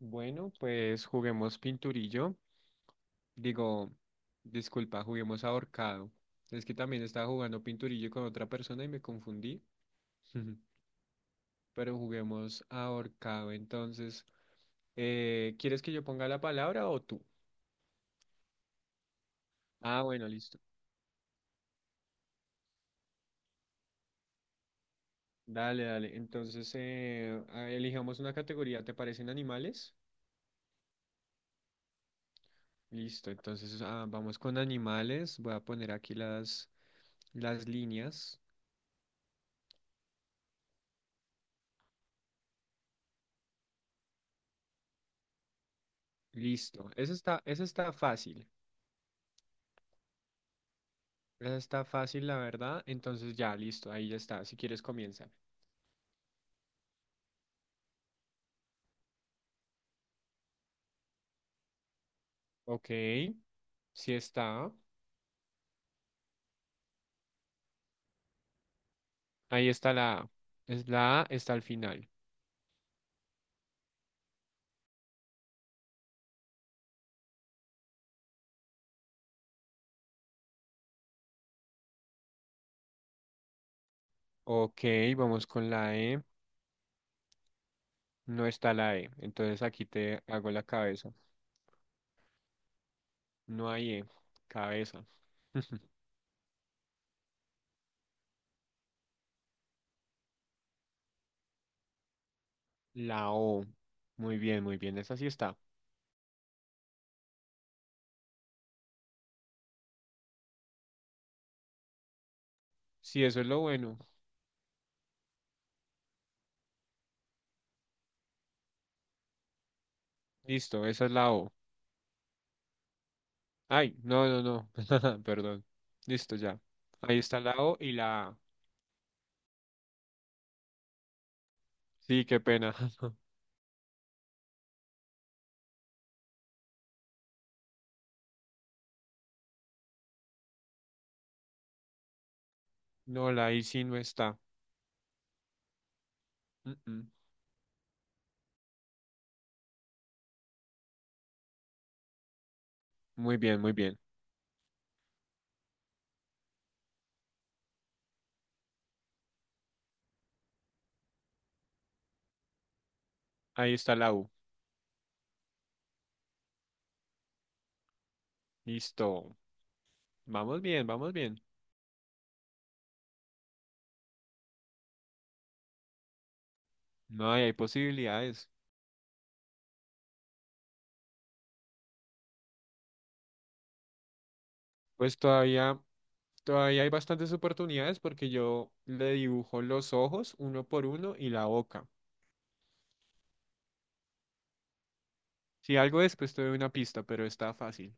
Bueno, pues juguemos pinturillo. Digo, disculpa, juguemos ahorcado. Es que también estaba jugando pinturillo con otra persona y me confundí. Pero juguemos ahorcado. Entonces, ¿quieres que yo ponga la palabra o tú? Ah, bueno, listo. Dale, dale. Entonces, elijamos una categoría. ¿Te parecen animales? Listo. Entonces, vamos con animales. Voy a poner aquí las líneas. Listo. Eso está fácil. Esa está fácil, la verdad. Entonces ya, listo, ahí ya está. Si quieres, comienza. Ok, sí está. Ahí está la A. Es la A, está al final. Ok, vamos con la E. No está la E. Entonces aquí te hago la cabeza. No hay E. Cabeza. La O. Muy bien, muy bien. Esa sí está. Sí, eso es lo bueno. Listo, esa es la O. Ay, no, no, no. Perdón. Listo, ya. Ahí está la O y la A. Sí, qué pena. No, la I sí no está. Mm, mm. Muy bien, muy bien. Ahí está la U. Listo. Vamos bien, vamos bien. No, y hay posibilidades. Pues todavía hay bastantes oportunidades porque yo le dibujo los ojos uno por uno y la boca. Si algo después te doy una pista, pero está fácil.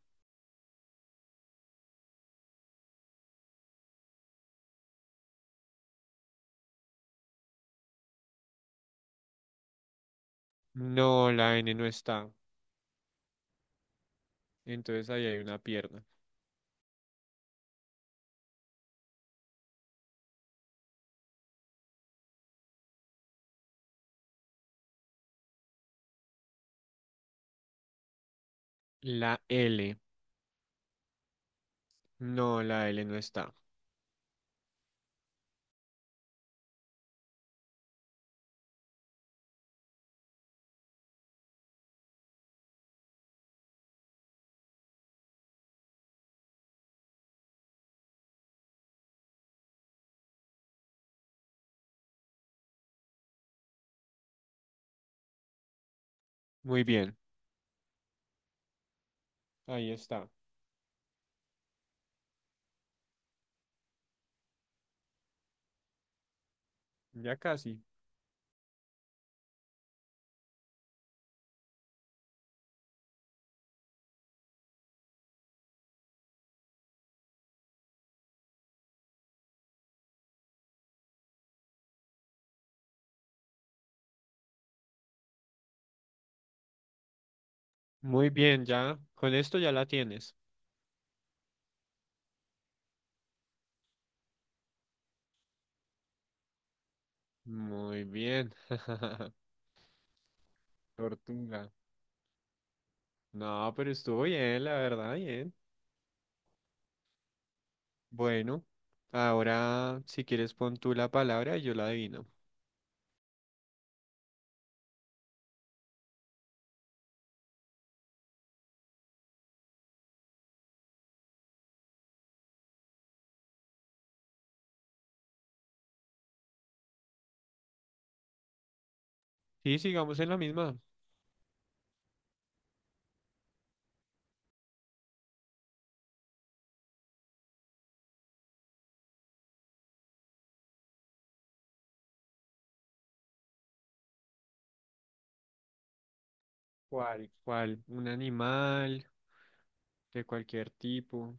No, la N no está. Entonces ahí hay una pierna. La L. No, la L no está. Muy bien. Ahí está. Ya casi. Muy bien, ya. Con esto ya la tienes. Muy bien. Tortuga. No, pero estuvo bien, la verdad, bien. Bueno, ahora si quieres pon tú la palabra y yo la adivino. Sí, sigamos en la misma. ¿Cuál? Un animal de cualquier tipo.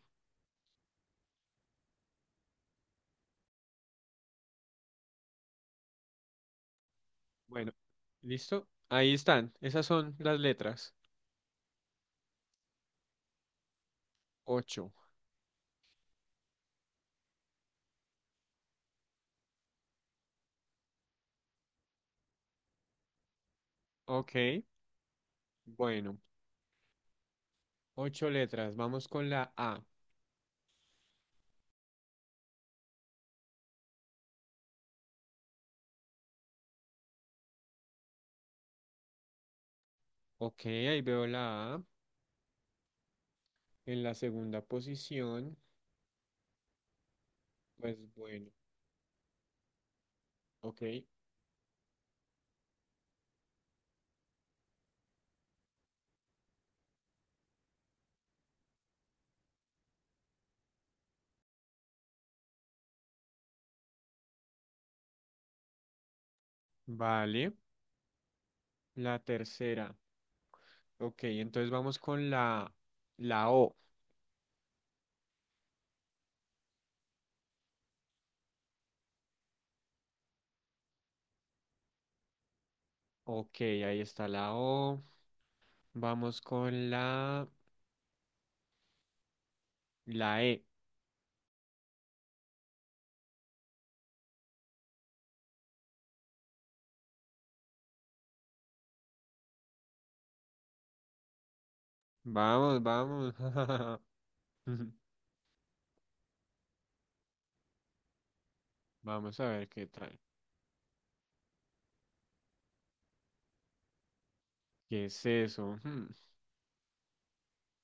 Bueno, ¿listo? Ahí están. Esas son las letras. Ocho. Ok, bueno. Ocho letras. Vamos con la A. Ok, ahí veo la A en la segunda posición. Pues bueno, ok. Vale. La tercera. Ok, entonces vamos con la O. Ok, ahí está la O. Vamos con la E. Vamos, vamos. Vamos a ver qué tal. ¿Qué es eso? Hmm.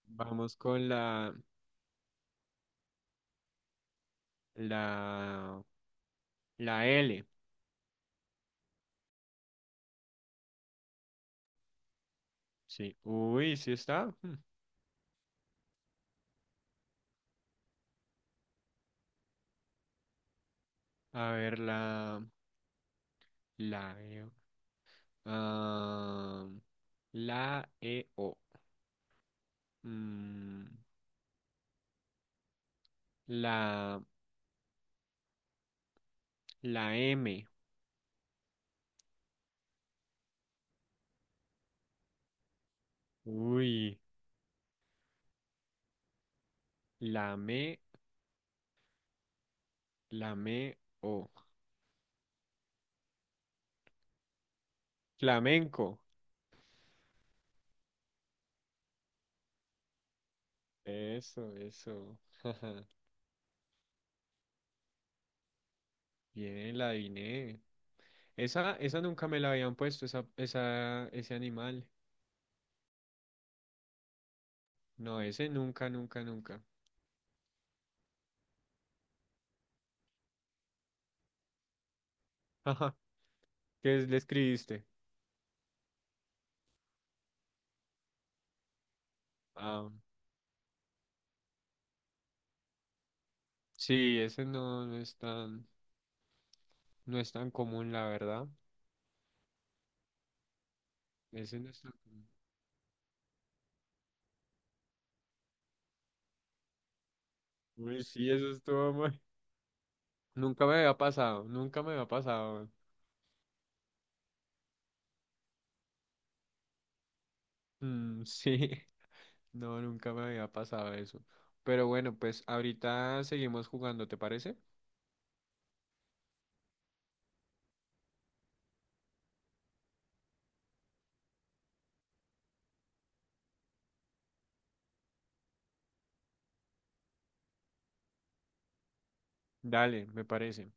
Vamos con la, la L. Sí. Uy, sí está. Hmm. A ver, la E. Ah, la E O. Mm, la, la M. Uy, lame, lame, o. Flamenco. Eso, eso. jaja, bien, la adiviné. Esa nunca me la habían puesto, ese animal. No, ese nunca, nunca, nunca. Ajá. ¿Le escribiste? Ah, sí, ese no, no es tan común, la verdad. Ese no es tan común. Uy, sí, eso estuvo muy. Nunca me había pasado, nunca me había pasado. Mm, sí. No, nunca me había pasado eso. Pero bueno, pues ahorita seguimos jugando, ¿te parece? Dale, me parece.